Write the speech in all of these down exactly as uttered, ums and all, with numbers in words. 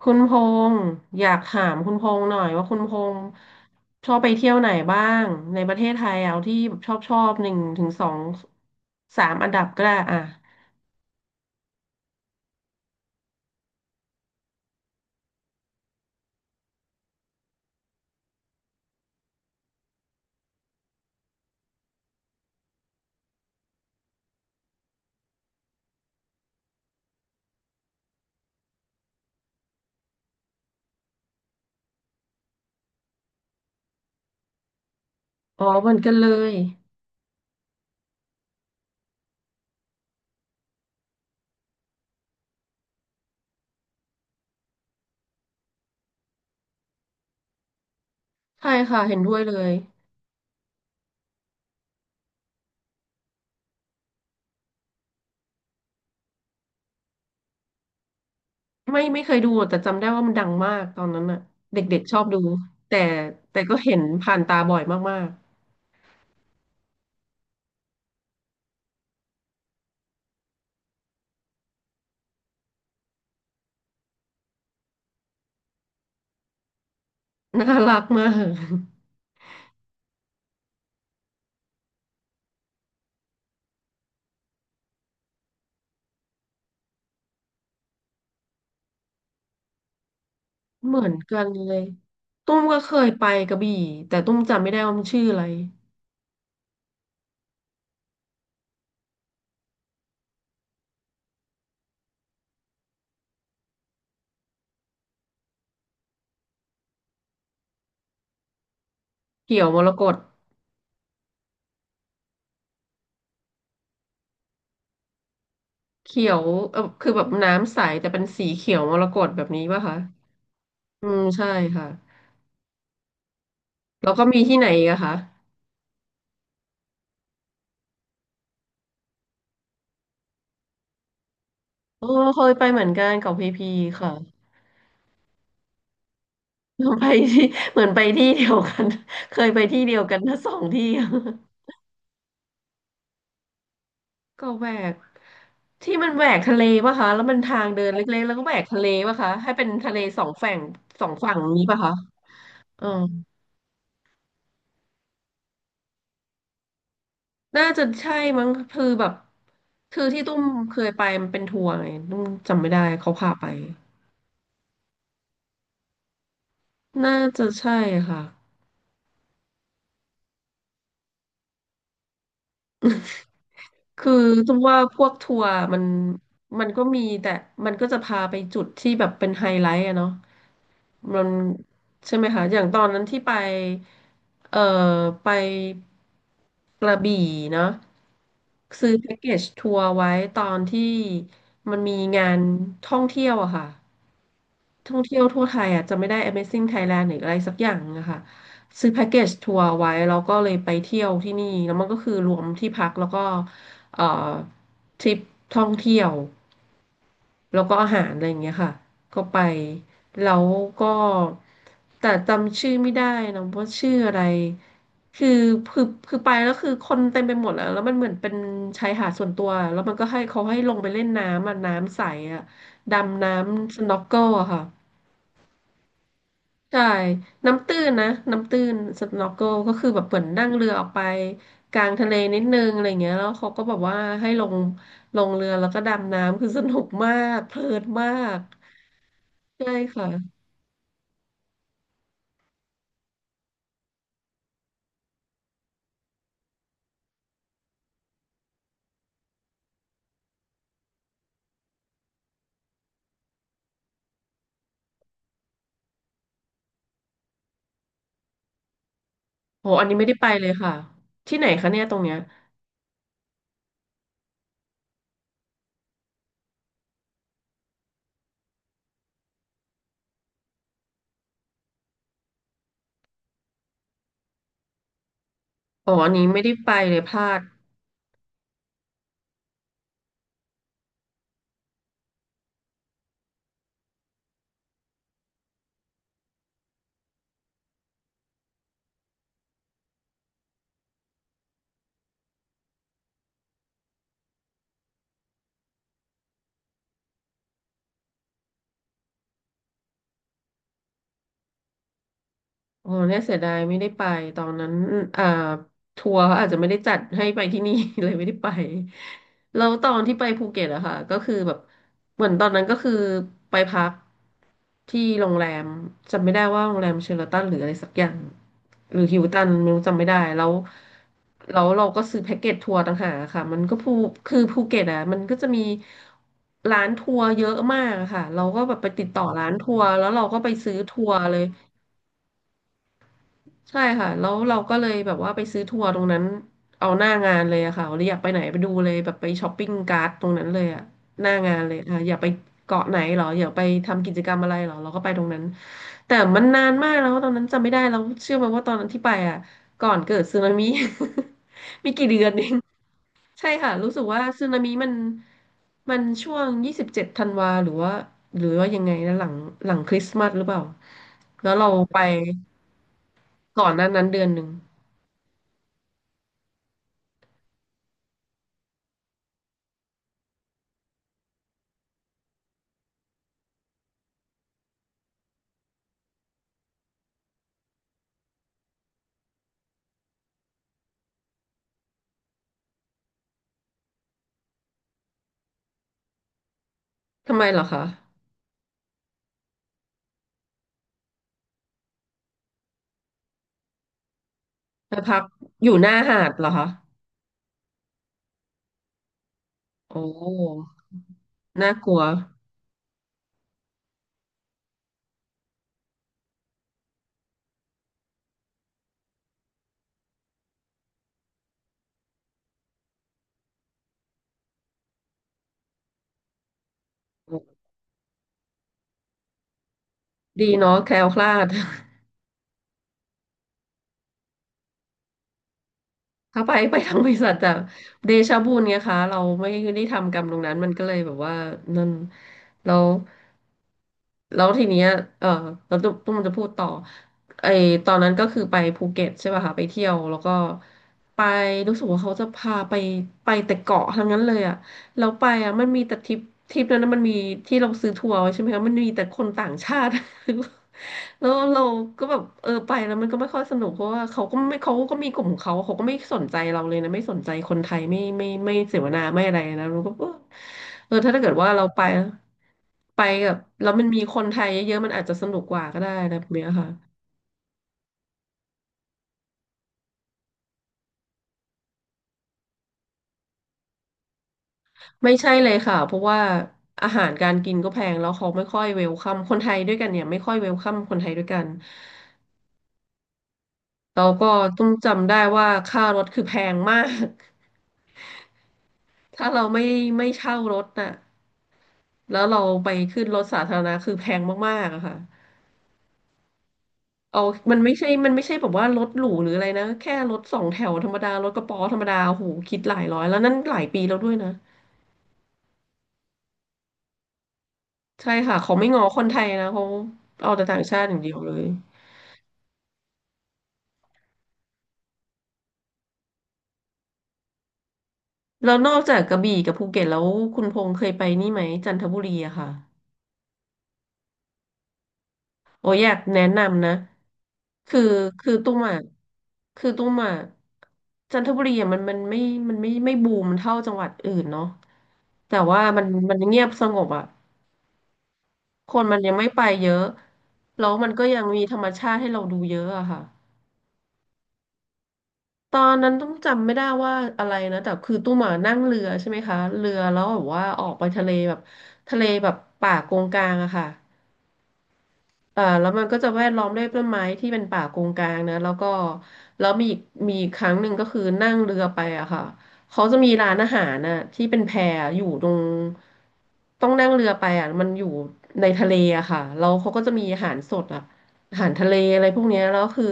คุณพงษ์อยากถามคุณพงษ์หน่อยว่าคุณพงษ์ชอบไปเที่ยวไหนบ้างในประเทศไทยเอาที่แบบชอบชอบหนึ่งถึงสองสามอันดับก็ได้อ่ะอ๋อเหมือนกันเลยใช่ค่ะเห็นด้วยเลยไม่ไม่เคยดูแต่จำได้ว่ามันดังมากตอนนั้นน่ะเด็กๆชอบดูแต่แต่ก็เห็นผ่านตาบ่อยมากๆน่ารักมาก เหมือนกันเลยตุ้มก็เคยไปกระบี่แต่ตุ้มจำไม่ได้ว่ามันชื่ออะไรเขียวมรกต เขียวเออคือแบบน้ำใสแต่เป็นสีเขียวมรกตแบบนี้ป่ะคะอืมใช่ค่ะแล้วก็มีที่ไหนอีกอะคะโอ้เคยไปเหมือนกันกับพีพีค่ะ ไปที่เหมือนไปที่เดียวกัน เคยไปที่เดียวกันทั้งสองที่ก็แหวกที่มันแหวกทะเลป่ะคะแล้วมันทางเดินเล็กๆแล้วก็แหวกทะเลป่ะคะให้เป็นทะเลสองฝั่งสองฝั่งนี้ป่ะคะเออน่าจะใช่มั้งคือแบบคือที่ตุ้มเคยไปมันเป็นทัวร์ไงตุ้มจำไม่ได้เขาพาไป น่าจะใช่ค่ะ คือตุ้มว่าพวกทัวร์มันมันก็มีแต่มันก็จะพาไปจุดที่แบบเป็นไฮไลท์อะเนาะมันใช่ไหมคะอย่างตอนนั้นที่ไปเอ่อไปกระบี่เนาะซื้อแพ็กเกจทัวร์ไว้ตอนที่มันมีงานท่องเที่ยวอะค่ะ ท่องเที่ยวทั่วไทยอ่ะจะไม่ได้ Amazing Thailand หรืออะไรสักอย่างนะคะซื้อแพ็กเกจทัวร์ไว้แล้วก็เลยไปเที่ยวที่นี่แล้วมันก็คือรวมที่พักแล้วก็เอ่อทริปท่องเที่ยวแล้วก็อาหารอะไรอย่างเงี้ยค่ะก็ไปแล้วก็แต่จำชื่อไม่ได้นะว่าชื่ออะไรคือคือคือไปแล้วคือคนเต็มไปหมดแล้วแล้วมันเหมือนเป็นชายหาดส่วนตัวแล้วมันก็ให้เขาให้ลงไปเล่นน้ำอ่ะน้ำใสอ่ะดำน้ำสน็อกเกิลอะค่ะ ใช่ น้ำตื้นนะน้ำตื้นสน็อกเกิลก็คือแบบเหมือนนั่งเรือออกไปกลางทะเลนิดนึงอะไรเงี้ยแล้วเขาก็แบบว่าให้ลงลงเรือแล้วก็ดำน้ำคือสนุกมากเพลินมากใช่ค่ะโหอันนี้ไม่ได้ไปเลยค่ะที่ไหนคะเนี่ยตรงเนี้ยอ๋ออันนี้ไม่ได้ไปเลยพลาด โอ้เนี่ยเสียดายไม่ได้ไปตอนนั้นอ่าทัวร์เขาอาจจะไม่ได้จัดให้ไปที่นี่ เลยไม่ได้ไปแล้วตอนที่ไปภูเก็ตอะค่ะก็คือแบบเหมือนตอนนั้นก็คือไปพักที่โรงแรมจำไม่ได้ว่าโรงแรมเชอราตันหรืออะไรสักอย่างหรือฮิลตันไม่รู้จำไม่ได้แล้วแล้วเราก็ซื้อแพ็กเกจทัวร์ต่างหากอะค่ะมันก็ภูคือภูเก็ตอะมันก็จะมีร้านทัวร์เยอะมากอะค่ะเราก็แบบไปติดต่อร้านทัวร์แล้วเราก็ไปซื้อทัวร์เลย ใช่ค่ะแล้วเราก็เลยแบบว่าไปซื้อทัวร์ตรงนั้นเอาหน้างานเลยอะค่ะเราอยากไปไหนไปดูเลยแบบไปช้อปปิ้งการ์ดตรงนั้นเลยอะหน้างานเลยอะอยากไปเกาะไหนเหรออยากไปทำกิจกรรมอะไรเหรอเราก็ไปตรงนั้นแต่มันนานมากแล้วตอนนั้นจำไม่ได้แล้วเชื่อไหมว่าตอนนั้นที่ไปอะก่อนเกิดสึนามิ ไมีกี่เดือนเองใช่ค่ะรู้สึกว่าสึนามิมันมันช่วงยี่สิบเจ็ดธันวาหรือว่าหรือว่ายังไงนะหลังหลังคริสต์มาสหรือเปล่าแล้วเราไปก่อนหน้านั้นเดือนหนึ่ง ทำไมเหรอคะไปพักอยู่หน้าหาดเหรอคะโอ้น่ากลัวดีเนาะแคล้วคลาด ถ้าไปไปทางบริษัทจะเดชะบุญไงคะเราไม่ได้ทำกรรมตรงนั้นมันก็เลยแบบว่านั่นแล้วแล้วทีเนี้ยเออเราตุ้มจะพูดต่อไอตอนนั้นก็คือไปภูเก็ตใช่ป่ะคะไปเที่ยวแล้วก็ไปรู้สึกว่าเขาจะพาไปไปแต่เกาะทั้งนั้นเลยอะ เราไปอ่ะมันมีแต่ทริปทริปนั้นนะมันมีที่เราซื้อทัวร์ไว้ใช่ไหมคะมันมีแต่คนต่างชาติ แล้วเราก็แบบเออไปแล้วมันก็ไม่ค่อยสนุกเพราะว่าเขาก็ไม่เขาก็มีกลุ่มของเขาเขาก็ไม่สนใจเราเลยนะไม่สนใจคนไทยไม่ไม่ไม่เสวนาไม่อะไรนะเราก็เออเออถ้าถ้าเกิดว่าเราไปไปกับแล้วมันมีคนไทยเยอะๆมันอาจจะสนุกกว่าก็ได้นะแบบเนี้ยค่ะไม่ใช่เลยค่ะเพราะว่าอาหารการกินก็แพงแล้วเขาไม่ค่อยเวลคัมคนไทยด้วยกันเนี่ยไม่ค่อยเวลคัมคนไทยด้วยกัน เราก็ต้องจำได้ว่าค่ารถคือแพงมาก ถ้าเราไม่ไม่เช่ารถน่ะแล้วเราไปขึ้นรถสาธารณะคือแพงมากๆอะค่ะ เอามันไม่ใช่มันไม่ใช่แบบว่ารถหรูหรืออะไรนะแค่รถสองแถวธรรมดารถกระป๋อธรรมดาโอ้โหคิดหลายร้อยแล้วนั่นหลายปีแล้วด้วยนะ ใช่ค่ะเขาไม่ง้อคนไทยนะเขาเอาแต่ต่างชาติอย่างเดียวเลยแล้วนอกจากกระบี่กับภูเก็ตแล้วคุณพงษ์เคยไปนี่ไหมจันทบุรีอะค่ะ โอ้ยอยากแนะนำนะคือคือตุ้มอ่ะคือตุ้มอ่ะจันทบุรีอ่ะมันมันไม่มันไม่ไม่บูมเท่าจังหวัดอื่นเนาะแต่ว่ามันมันเงียบสงบอ่ะคนมันยังไม่ไปเยอะแล้วมันก็ยังมีธรรมชาติให้เราดูเยอะอะค่ะตอนนั้นต้องจำไม่ได้ว่าอะไรนะแต่คือตุ้หมอ่ะนั่งเรือใช่ไหมคะเรือแล้วแบบว่าออกไปทะเลแบบทะเลแบบป่ากงกลางอะค่ะ อ่าแล้วมันก็จะแวดล้อมด้วยต้นไม้ที่เป็นป่าโกงกางนะแล้วก็แล้วมีอีกมีอีกครั้งหนึ่งก็คือนั่งเรือไปอะค่ะเขาจะมีร้านอาหารน่ะที่เป็นแพอยู่ตรงต้องนั่งเรือไปอะมันอยู่ในทะเลอะค่ะแล้วเขาก็จะมีอาหารสดอะอาหารทะเลอะไรพวกเนี้ยแล้วคือ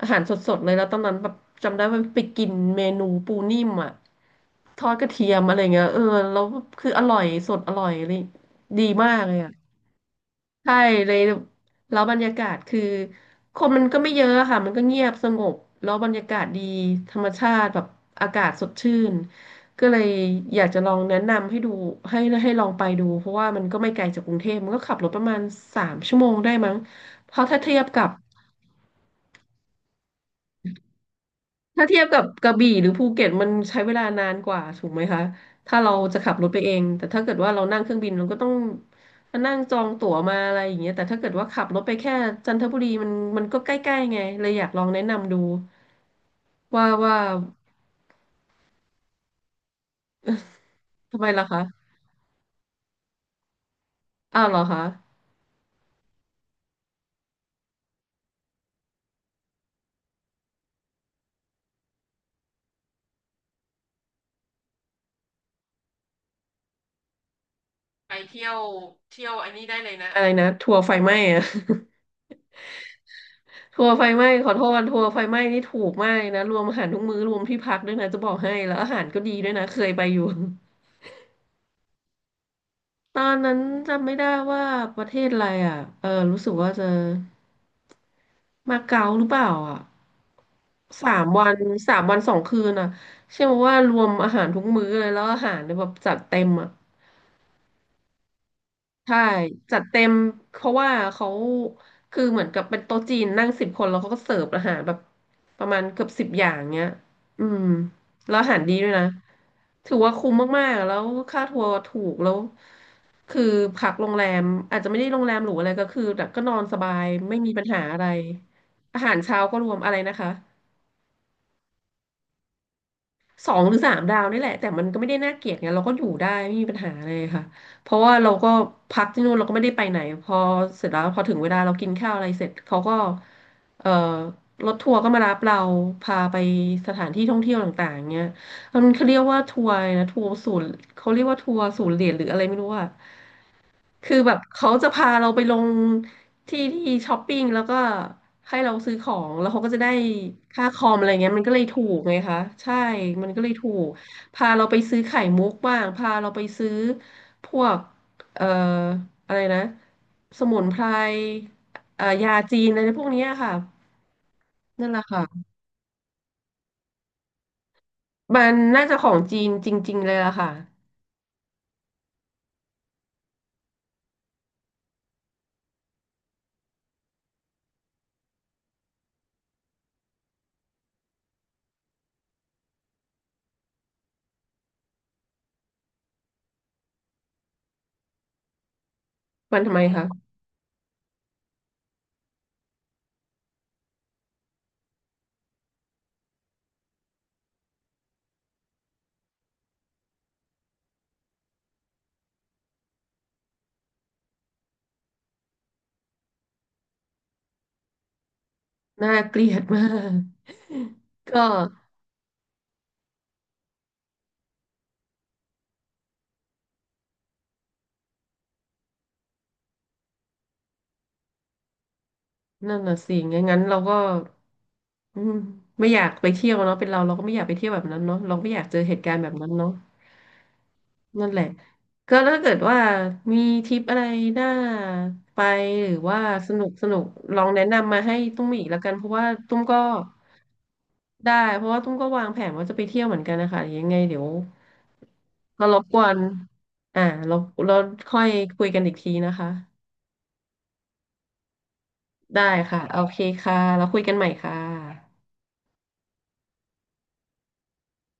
อาหารสดๆเลยแล้วตอนนั้นแบบจำได้ว่าไปกินเมนูปูนิ่มอะทอดกระเทียมอะไรเงี้ยเออแล้วคืออร่อยสดอร่อยเลยดีมากเลยอะใช่เลย แล้วบรรยากาศคือคนมันก็ไม่เยอะค่ะมันก็เงียบสงบแล้วบรรยากาศดีธรรมชาติแบบอากาศสดชื่นก็เลยอยากจะลองแนะนำให้ดูให้ให้ลองไปดูเพราะว่ามันก็ไม่ไกลจากกรุงเทพมันก็ขับรถประมาณสามชั่วโมงได้มั้งเพราะถ้าเทียบกับ ถ้าเทียบกับกระบี่หรือภูเก็ตมันใช้เวลานานกว่าถูกไหมคะถ้าเราจะขับรถไปเองแต่ถ้าเกิดว่าเรานั่งเครื่องบินเราก็ต้องมานั่งจองตั๋วมาอะไรอย่างเงี้ยแต่ถ้าเกิดว่าขับรถไปแค่จันทบุรีมันมันก็ใกล้ๆไงเลยอยากลองแนะนำดูว่าว่าทำไมล่ะคะอ้าวเหรอคะไปเที่ยวเที่ยวอันนี้ได้เลยนะอะไรนะทัวร์ไฟไหม้อะ ทัวร์ไฟไหม้ขอโทษทัวร์ไฟไหม้นี่ถูกมากนะรวมอาหารทุกมื้อรวมที่พักด้วยนะจะบอกให้แล้วอาหารก็ดีด้วยนะเคยไปอยู่ ตอนนั้นจำไม่ได้ว่าประเทศอะไรอ่ะ เออรู้สึกว่าจะมาเก๊าหรือเปล่าอ่ะ สามวันสามวันสองคืนอ่ะเชื่อไหมว่ารวมอาหารทุกมื้อเลยแล้วอาหารเนี่ยแบบจัดเต็มอ่ะ ใช่จัดเต็มเพราะว่าเขาคือเหมือนกับเป็นโต๊ะจีนนั่งสิบคนแล้วเขาก็เสิร์ฟอาหารแบบประมาณเกือบสิบอย่างเงี้ยอืมแล้วอาหารดีด้วยนะถือว่าคุ้มมากๆแล้วค่าทัวร์ถูกแล้วคือพักโรงแรมอาจจะไม่ได้โรงแรมหรูอะไรก็คือแบบก็นอนสบายไม่มีปัญหาอะไรอาหารเช้าก็รวมอะไรนะคะ สองหรือสามดาวนี่แหละแต่มันก็ไม่ได้น่าเกลียดไงเราก็อยู่ได้ไม่มีปัญหาเลยค่ะเพราะว่าเราก็พักที่นู่นเราก็ไม่ได้ไปไหนพอเสร็จแล้วพอถึงเวลาเรากินข้าวอะไรเสร็จเขาก็เอ่อรถทัวร์ก็มารับเราพาไปสถานที่ท่องเที่ยวต่างๆเงี้ยมันเขาเรียกว่าทัวร์นะทัวร์ศูนย์เขาเรียกว่าทัวร์ศูนย์เหรียญหรืออะไรไม่รู้อะ คือแบบเขาจะพาเราไปลงที่ที่ช้อปปิ้งแล้วก็ให้เราซื้อของแล้วเขาก็จะได้ค่าคอมอะไรเงี้ยมันก็เลยถูกไงคะใช่มันก็เลยถูกพาเราไปซื้อไข่มุกบ้างพาเราไปซื้อพวกเอ่ออะไรนะสมุนไพรเอ่อยาจีนอะไรพวกเนี้ยค่ะนั่นแหละค่ะมันน่าจะของจีนจริงๆเลยล่ะค่ะมันทำไมคะน่าเกลียดมาก ก็นั่นน่ะสิงั้นงั้นเราก็ อืมไม่อยากไปเที่ยวเนาะเป็นเราเราก็ไม่อยากไปเที่ยวแบบนั้นเนาะเราไม่อยากเจอเหตุการณ์แบบนั้นเนาะนั่นแหละก็ถ้าเกิดว่ามีทริปอะไรน่าไปหรือว่าสนุกสนุกลองแนะนำมาให้ตุ้มอีกแล้วกันเพราะว่าตุ้มก็ได้เพราะว่าตุ้มก็วางแผนว่าจะไปเที่ยวเหมือนกันนะคะยังไงเดี๋ยวก็รบกวนอ่าเราเราค่อยคุยกันอีกทีนะคะได้ค่ะโอเคค่ะเราคุยกันใหม่ค่ะ